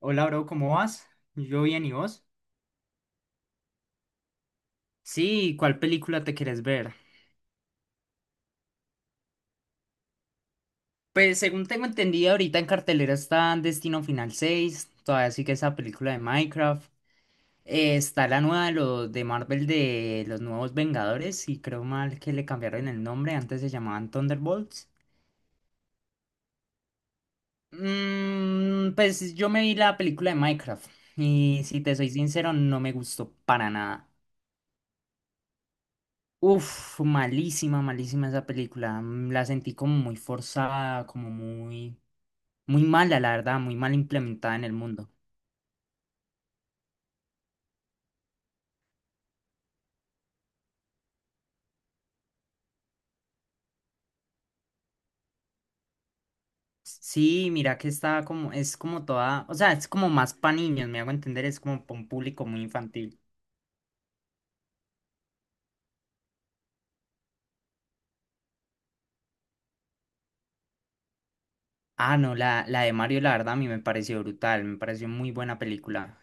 Hola, bro, ¿cómo vas? Yo bien, ¿y vos? Sí, ¿cuál película te quieres ver? Pues según tengo entendido, ahorita en cartelera está Destino Final 6, todavía sigue esa película de Minecraft. Está la nueva de Marvel de los nuevos Vengadores, y creo mal que le cambiaron el nombre, antes se llamaban Thunderbolts. Pues yo me vi la película de Minecraft, y si te soy sincero, no me gustó para nada. Uf, malísima, malísima esa película. La sentí como muy forzada, muy mala, la verdad, muy mal implementada en el mundo. Sí, mira que está como, es como toda, o sea, es como más para niños, me hago entender, es como para un público muy infantil. Ah, no, la de Mario, la verdad, a mí me pareció brutal, me pareció muy buena película.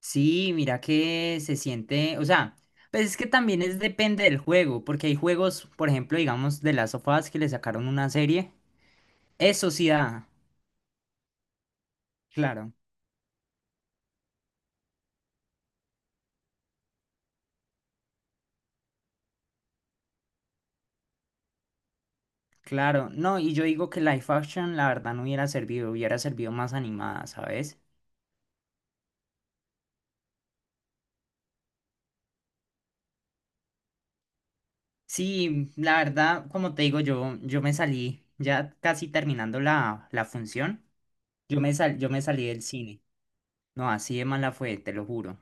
Sí, mira que se siente, o sea, pues es que también es depende del juego, porque hay juegos, por ejemplo, digamos, de las sofás que le sacaron una serie. Eso sí da, claro. Claro, no, y yo digo que live action la verdad no hubiera servido, hubiera servido más animada, ¿sabes? Sí, la verdad, como te digo, yo me salí, ya casi terminando la función, yo me salí del cine. No, así de mala fue, te lo juro.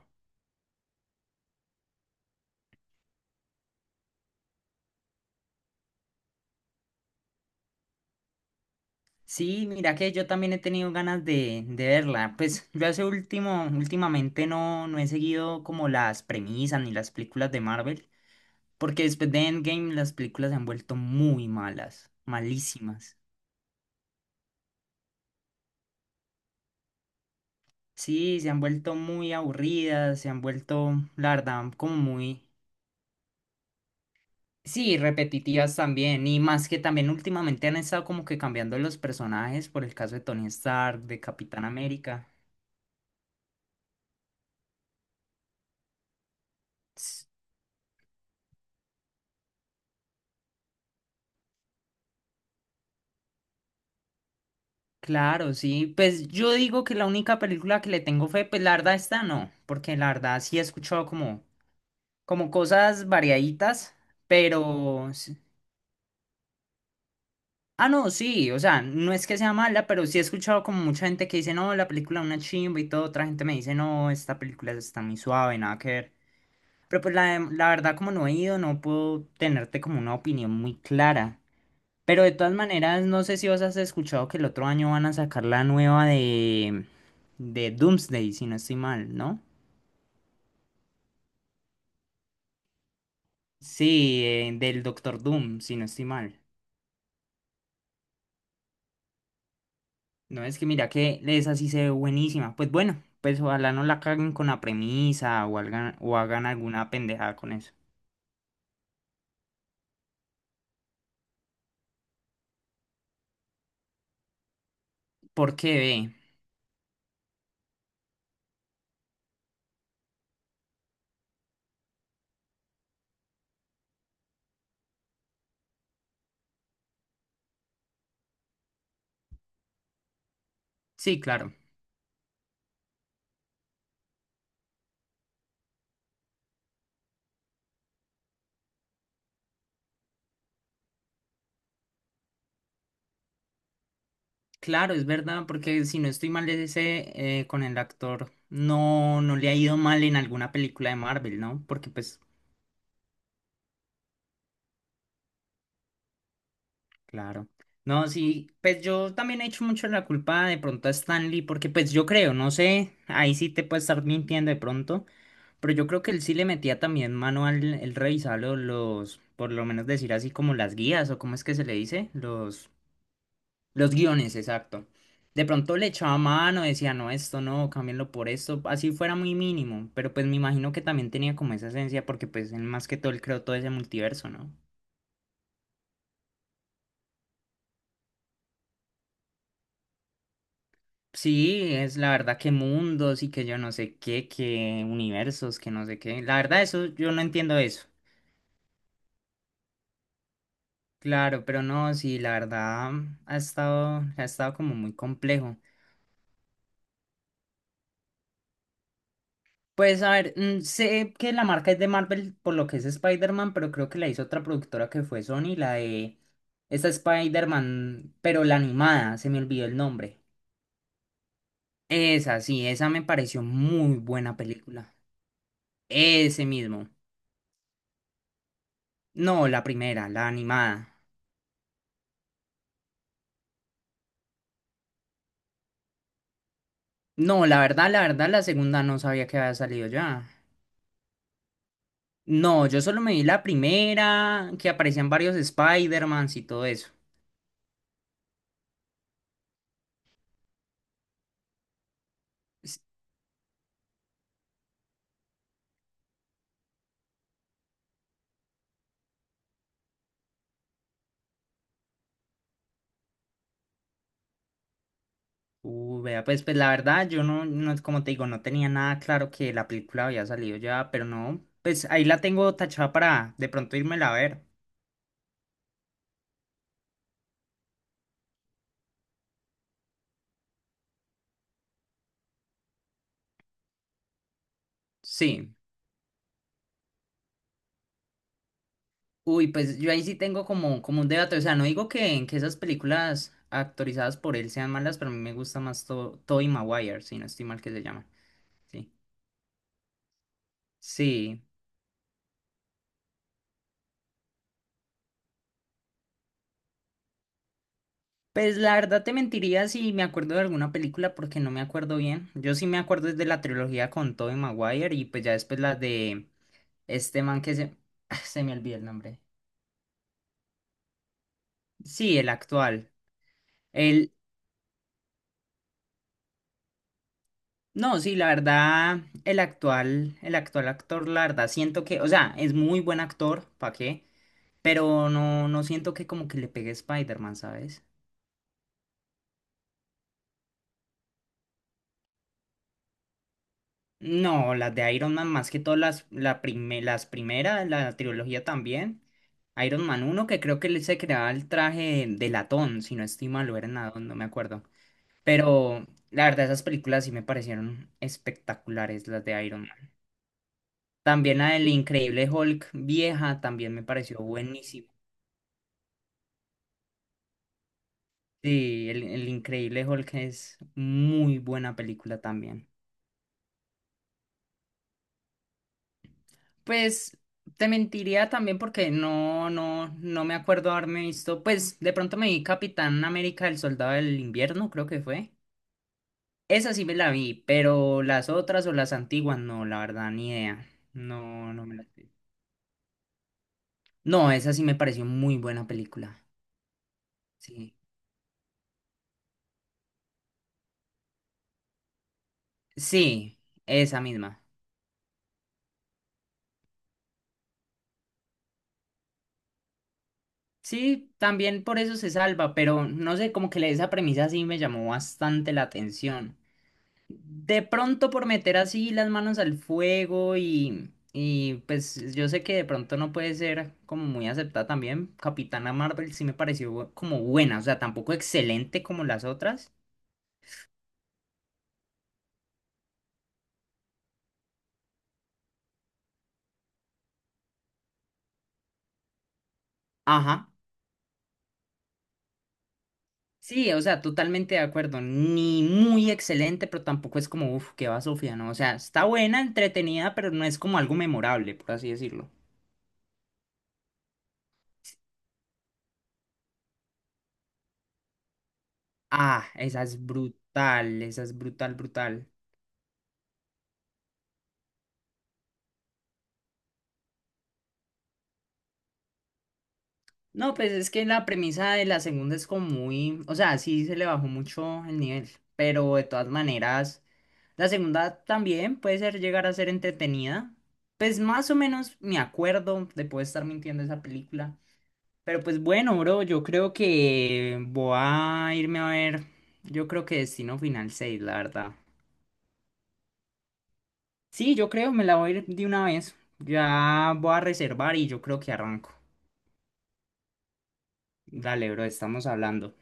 Sí, mira que yo también he tenido ganas de verla. Pues yo hace último, últimamente no, no he seguido como las premisas ni las películas de Marvel, porque después de Endgame las películas se han vuelto muy malas, malísimas. Sí, se han vuelto muy aburridas, se han vuelto, la verdad, como muy, sí, repetitivas también, y más que también últimamente han estado como que cambiando los personajes, por el caso de Tony Stark, de Capitán América. S- Claro, sí, pues yo digo que la única película que le tengo fe, pues la verdad esta no, porque la verdad sí he escuchado como, como cosas variaditas, pero Ah, no, sí, o sea, no es que sea mala, pero sí he escuchado como mucha gente que dice, no, la película es una chimba y todo, otra gente me dice, no, esta película está muy suave, nada que ver. Pero pues la verdad, como no he ido, no puedo tenerte como una opinión muy clara. Pero de todas maneras, no sé si vos has escuchado que el otro año van a sacar la nueva de Doomsday, si no estoy mal, ¿no? Sí, del Doctor Doom, si no estoy mal. No, es que mira que esa sí se ve buenísima. Pues bueno, pues ojalá no la caguen con la premisa o hagan alguna pendejada con eso. ¿Por qué ve? Sí, claro. Claro, es verdad, porque si no estoy mal ese con el actor, no, no le ha ido mal en alguna película de Marvel, ¿no? Porque pues Claro. No, sí, pues yo también he hecho mucho la culpa de pronto a Stanley, porque pues yo creo, no sé, ahí sí te puede estar mintiendo de pronto, pero yo creo que él sí le metía también mano al el revisar por lo menos decir así como las guías, o cómo es que se le dice, los guiones, exacto. De pronto le echaba mano, decía, no, esto no, cámbienlo por esto, así fuera muy mínimo, pero pues me imagino que también tenía como esa esencia, porque pues él más que todo él creó todo ese multiverso, ¿no? Sí, es la verdad que mundos y que yo no sé qué, que universos, que no sé qué. La verdad, eso yo no entiendo eso. Claro, pero no, sí, la verdad ha estado como muy complejo. Pues a ver, sé que la marca es de Marvel por lo que es Spider-Man, pero creo que la hizo otra productora que fue Sony, la de esta Spider-Man, pero la animada, se me olvidó el nombre. Esa, sí, esa me pareció muy buena película. Ese mismo. No, la primera, la animada. No, la verdad, la verdad, la segunda no sabía que había salido ya. No, yo solo me vi la primera, que aparecían varios Spider-Mans y todo eso. Es- vea, pues, pues la verdad, yo no, no, como te digo, no tenía nada claro que la película había salido ya, pero no, pues ahí la tengo tachada para de pronto írmela a ver. Sí. Uy, pues yo ahí sí tengo como, como un debate, o sea, no digo que esas películas actorizadas por él sean malas, pero a mí me gusta más Tobey Maguire, si no estoy mal que se llama. Sí. Sí. Pues la verdad te mentiría si me acuerdo de alguna película porque no me acuerdo bien. Yo sí me acuerdo es de la trilogía con Tobey Maguire y pues ya después la de este man que se... ah, se me olvidó el nombre. Sí, el actual. El... No, sí, la verdad, el actual actor, la verdad, siento que, o sea, es muy buen actor, ¿para qué? Pero no siento que como que le pegue Spider-Man, ¿sabes? No, las de Iron Man, más que todas las primeras, la trilogía también. Iron Man uno que creo que él se creaba el traje de latón, si no estoy mal, o era nadón, no me acuerdo. Pero la verdad, esas películas sí me parecieron espectaculares, las de Iron Man. También la del Increíble Hulk vieja también me pareció buenísima. Sí, el Increíble Hulk es muy buena película también. Pues te mentiría también porque no me acuerdo haberme visto. Pues de pronto me vi Capitán América, el Soldado del Invierno, creo que fue. Esa sí me la vi, pero las otras o las antiguas, no, la verdad, ni idea. No, no me las vi. No, esa sí me pareció muy buena película. Sí. Sí, esa misma. Sí, también por eso se salva, pero no sé, como que esa premisa sí me llamó bastante la atención. De pronto por meter así las manos al fuego y pues yo sé que de pronto no puede ser como muy aceptada también. Capitana Marvel sí me pareció como buena, o sea, tampoco excelente como las otras. Ajá. Sí, o sea, totalmente de acuerdo. Ni muy excelente, pero tampoco es como, uff, qué va Sofía, ¿no? O sea, está buena, entretenida, pero no es como algo memorable, por así decirlo. Ah, esa es brutal, brutal. No, pues es que la premisa de la segunda es como muy, o sea, sí se le bajó mucho el nivel, pero de todas maneras, la segunda también puede ser llegar a ser entretenida. Pues más o menos me acuerdo de poder estar mintiendo esa película. Pero pues bueno, bro, yo creo que voy a irme a ver, yo creo que Destino Final seis, la verdad. Sí, yo creo, me la voy a ir de una vez. Ya voy a reservar y yo creo que arranco. Dale, bro, estamos hablando.